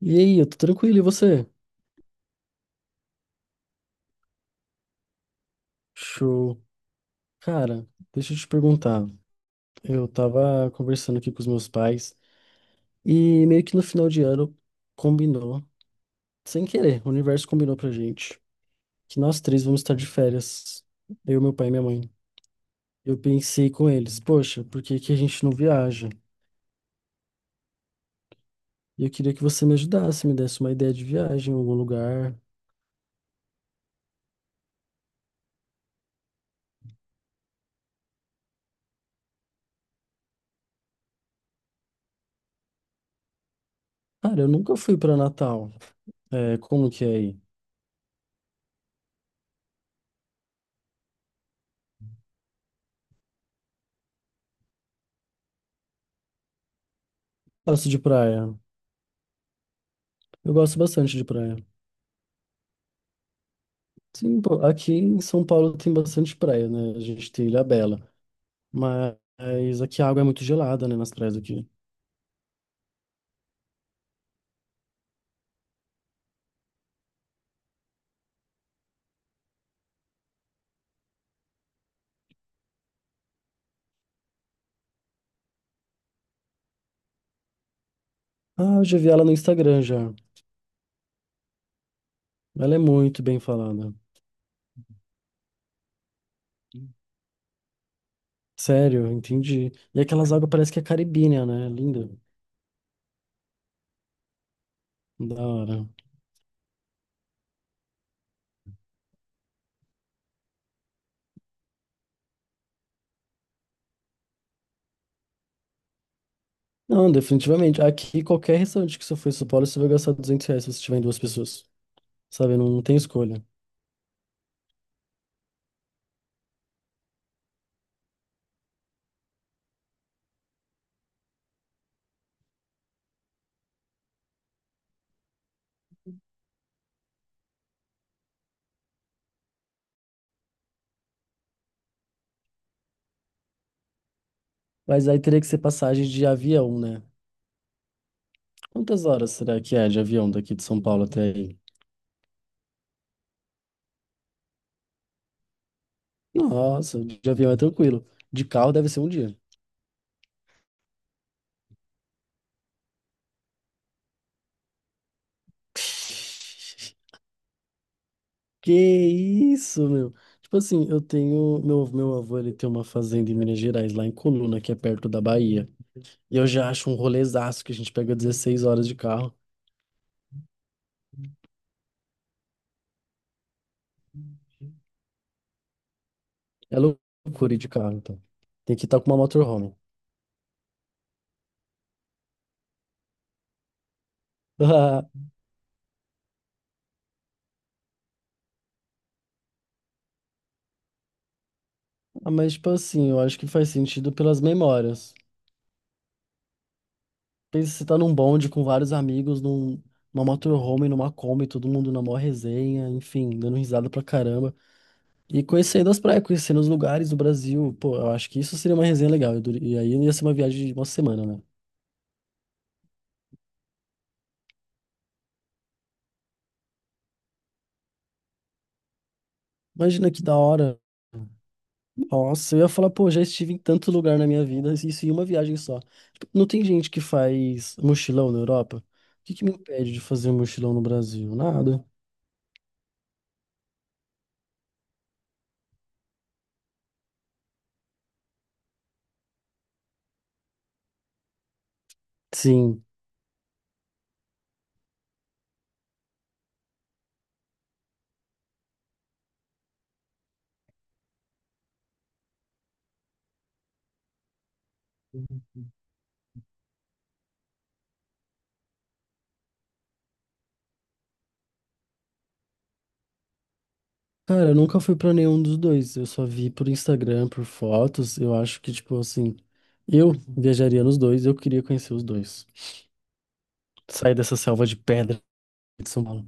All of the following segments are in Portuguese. E aí, eu tô tranquilo, e você? Show. Cara, deixa eu te perguntar. Eu tava conversando aqui com os meus pais e meio que no final de ano combinou, sem querer, o universo combinou pra gente que nós três vamos estar de férias, eu, meu pai e minha mãe. Eu pensei com eles, poxa, por que que a gente não viaja? E eu queria que você me ajudasse, me desse uma ideia de viagem em algum lugar. Cara, eu nunca fui pra Natal. É, como que é aí? Gosto de praia. Eu gosto bastante de praia. Sim, pô, aqui em São Paulo tem bastante praia, né? A gente tem Ilha Bela, mas aqui a água é muito gelada, né, nas praias aqui. Ah, eu já vi ela no Instagram já. Ela é muito bem falada. Sério, entendi. E aquelas águas parece que é caribínea, né? Linda. Da hora. Não, definitivamente. Aqui, qualquer restaurante que você for em São Paulo, você vai gastar R$ 200 se você tiver em duas pessoas. Sabe? Não, tem escolha. Mas aí teria que ser passagem de avião, né? Quantas horas será que é de avião daqui de São Paulo até aí? Nossa, de avião é tranquilo. De carro deve ser um dia. Que isso, meu? Tipo assim, eu tenho. Meu avô, ele tem uma fazenda em Minas Gerais, lá em Coluna, que é perto da Bahia. E eu já acho um rolezaço que a gente pega 16 horas de carro. É loucura ir de carro, então. Tem que estar com uma motorhome. Ah, mas, tipo assim, eu acho que faz sentido pelas memórias. Pensa, você tá num bonde com vários amigos, numa motorhome, numa Kombi, todo mundo na maior resenha, enfim, dando risada pra caramba. E conhecendo as praias, conhecendo os lugares do Brasil, pô, eu acho que isso seria uma resenha legal. E aí ia ser uma viagem de uma semana, né? Imagina que da hora. Nossa, eu ia falar, pô, já estive em tanto lugar na minha vida, isso em uma viagem só. Tipo, não tem gente que faz mochilão na Europa? O que que me impede de fazer um mochilão no Brasil? Nada. Sim. Cara, eu nunca fui pra nenhum dos dois. Eu só vi por Instagram, por fotos. Eu acho que, tipo assim, eu viajaria nos dois, eu queria conhecer os dois. Sair dessa selva de pedra de São Paulo.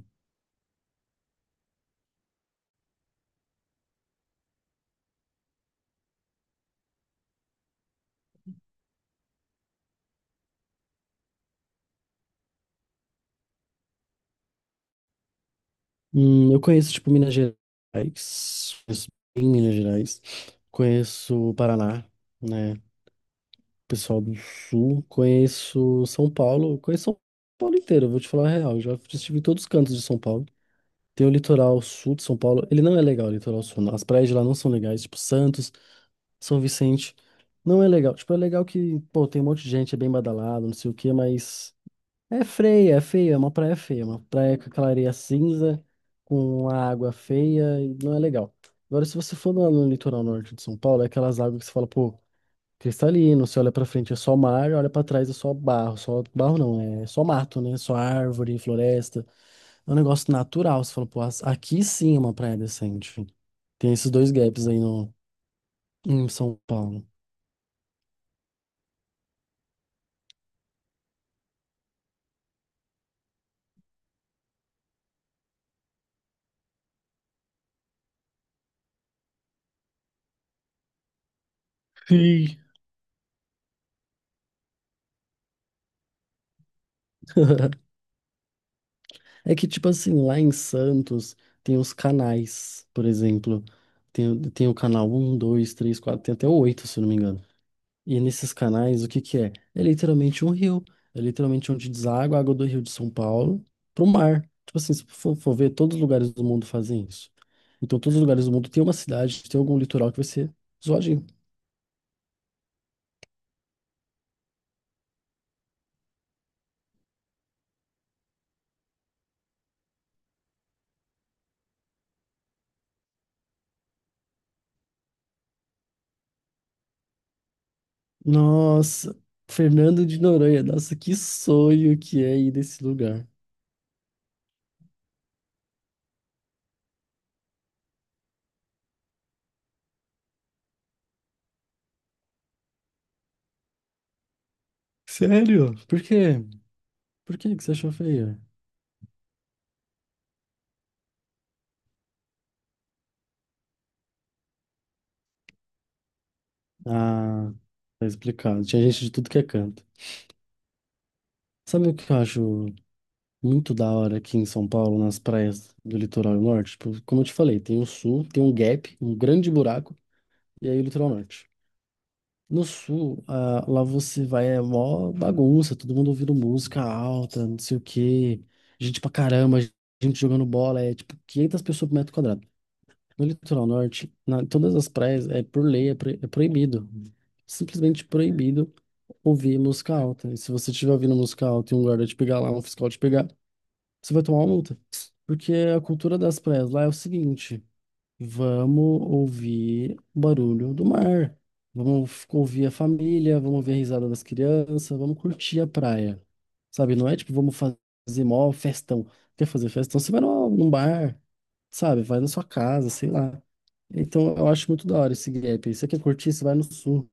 Eu conheço, tipo, Minas Gerais, conheço bem Minas Gerais, conheço o Paraná, né, pessoal do Sul, conheço São Paulo inteiro, vou te falar a real, já estive em todos os cantos de São Paulo. Tem o litoral sul de São Paulo, ele não é legal, o litoral sul, não. As praias de lá não são legais, tipo Santos, São Vicente, não é legal. Tipo, é legal que, pô, tem um monte de gente, é bem badalado, não sei o quê, mas é feia, é uma praia feia, uma praia com aquela areia cinza, com a água feia, e não é legal. Agora, se você for no litoral norte de São Paulo, é aquelas águas que você fala, pô, cristalino, você olha pra frente é só mar, olha pra trás é só barro não, é só mato, né? Só árvore, floresta. É um negócio natural, você fala, pô, aqui sim é uma praia decente. Tem esses dois gaps aí no, em São Paulo. Sim. É que, tipo assim, lá em Santos tem os canais, por exemplo. Tem o canal um, 2, 3, 4, tem até o 8, se eu não me engano. E nesses canais, o que que é? É literalmente um rio. É literalmente onde deságua a água do Rio de São Paulo pro mar. Tipo assim, se for, ver, todos os lugares do mundo fazem isso. Então, todos os lugares do mundo tem uma cidade, tem algum litoral que vai ser zoadinho. Nossa, Fernando de Noronha, nossa, que sonho que é ir nesse lugar. Sério? Por quê? Por que que você achou feio? Ah, tá explicado. Tinha gente de tudo que é canto. Sabe o que eu acho muito da hora aqui em São Paulo, nas praias do litoral norte? Tipo, como eu te falei, tem o sul, tem um gap, um grande buraco, e aí o litoral norte. No sul, ah, lá você vai, é mó bagunça, todo mundo ouvindo música alta, não sei o quê, gente pra caramba, gente jogando bola, é tipo 500 pessoas por metro quadrado. No litoral norte, todas as praias, é por lei, é, é proibido. Simplesmente proibido ouvir música alta. E se você estiver ouvindo música alta e um guarda te pegar lá, um fiscal te pegar, você vai tomar uma multa. Porque a cultura das praias lá é o seguinte. Vamos ouvir o barulho do mar. Ouvir a família, vamos ver a risada das crianças, vamos curtir a praia. Sabe, não é tipo, fazer mó festão. Quer fazer festão? Você vai num bar, sabe? Vai na sua casa, sei lá. Então eu acho muito da hora esse gap aí. Você quer curtir, você vai no sul.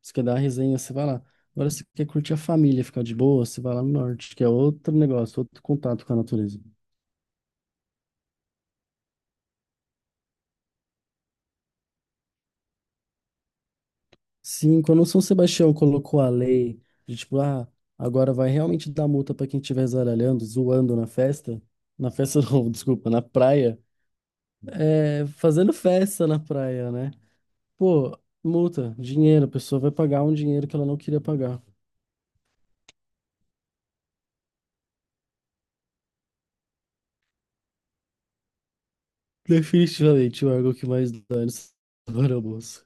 Você quer dar uma resenha, você vai lá. Agora, se você quer curtir a família, ficar de boa, você vai lá no norte, que é outro negócio, outro contato com a natureza. Sim, quando o São Sebastião colocou a lei de tipo, ah, agora vai realmente dar multa pra quem estiver zaralhando, zoando na festa não, desculpa, na praia, é, fazendo festa na praia, né? Pô, multa, dinheiro, a pessoa vai pagar um dinheiro que ela não queria pagar. Definitivamente o órgão que mais dá nesse agora, moço.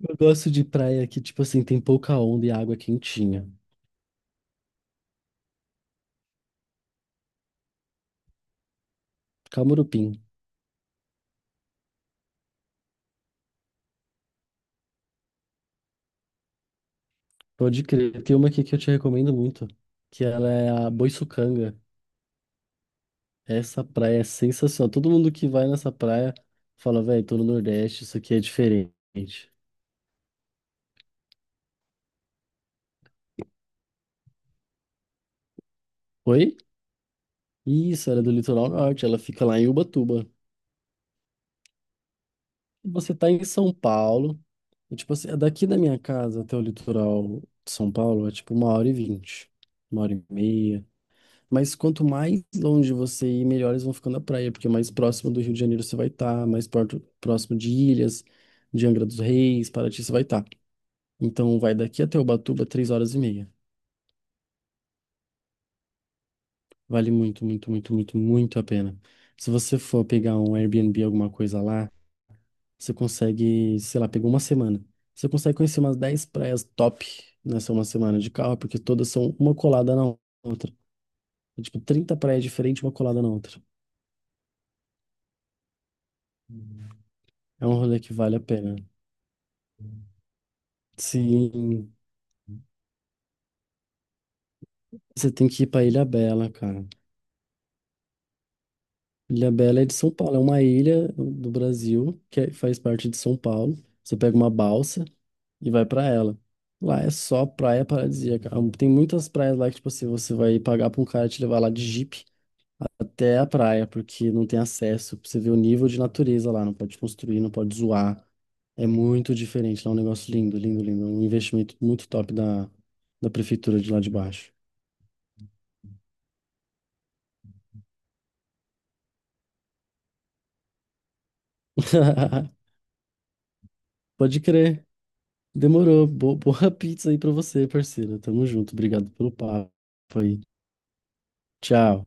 Eu gosto de praia que, tipo assim, tem pouca onda e água quentinha. Camurupim, pode crer. Tem uma aqui que eu te recomendo muito, que ela é a Boiçucanga. Essa praia é sensacional. Todo mundo que vai nessa praia fala, velho, tô no Nordeste, isso aqui é diferente. Oi? Isso, ela é do litoral norte, ela fica lá em Ubatuba. Você tá em São Paulo, e, tipo assim, é daqui da minha casa até o litoral de São Paulo é tipo uma hora e vinte, uma hora e meia. Mas quanto mais longe você ir, melhores vão ficando a praia, porque mais próximo do Rio de Janeiro você vai estar, mais perto, próximo de Ilhas, de Angra dos Reis, Paraty você vai estar. Então vai daqui até Ubatuba, três horas e meia. Vale muito, muito, muito, muito, muito a pena. Se você for pegar um Airbnb, alguma coisa lá, você consegue, sei lá, pegou uma semana. Você consegue conhecer umas 10 praias top nessa uma semana de carro, porque todas são uma colada na outra. É tipo, 30 praias diferentes, uma colada na outra. É um rolê que vale a pena. Sim, você tem que ir pra Ilha Bela cara. Ilha Bela é de São Paulo, é uma ilha do Brasil faz parte de São Paulo. Você pega uma balsa e vai pra ela. Lá é só praia paradisíaca. Ah, tem muitas praias lá que, tipo assim, você vai pagar pra um cara te levar lá de Jeep até a praia, porque não tem acesso. Pra você ver o nível de natureza lá, não pode construir, não pode zoar. É muito diferente. Lá é um negócio lindo, lindo, lindo. Um investimento muito top da prefeitura de lá de baixo. Pode crer. Demorou. Boa pizza aí pra você, parceiro. Tamo junto. Obrigado pelo papo aí. Tchau.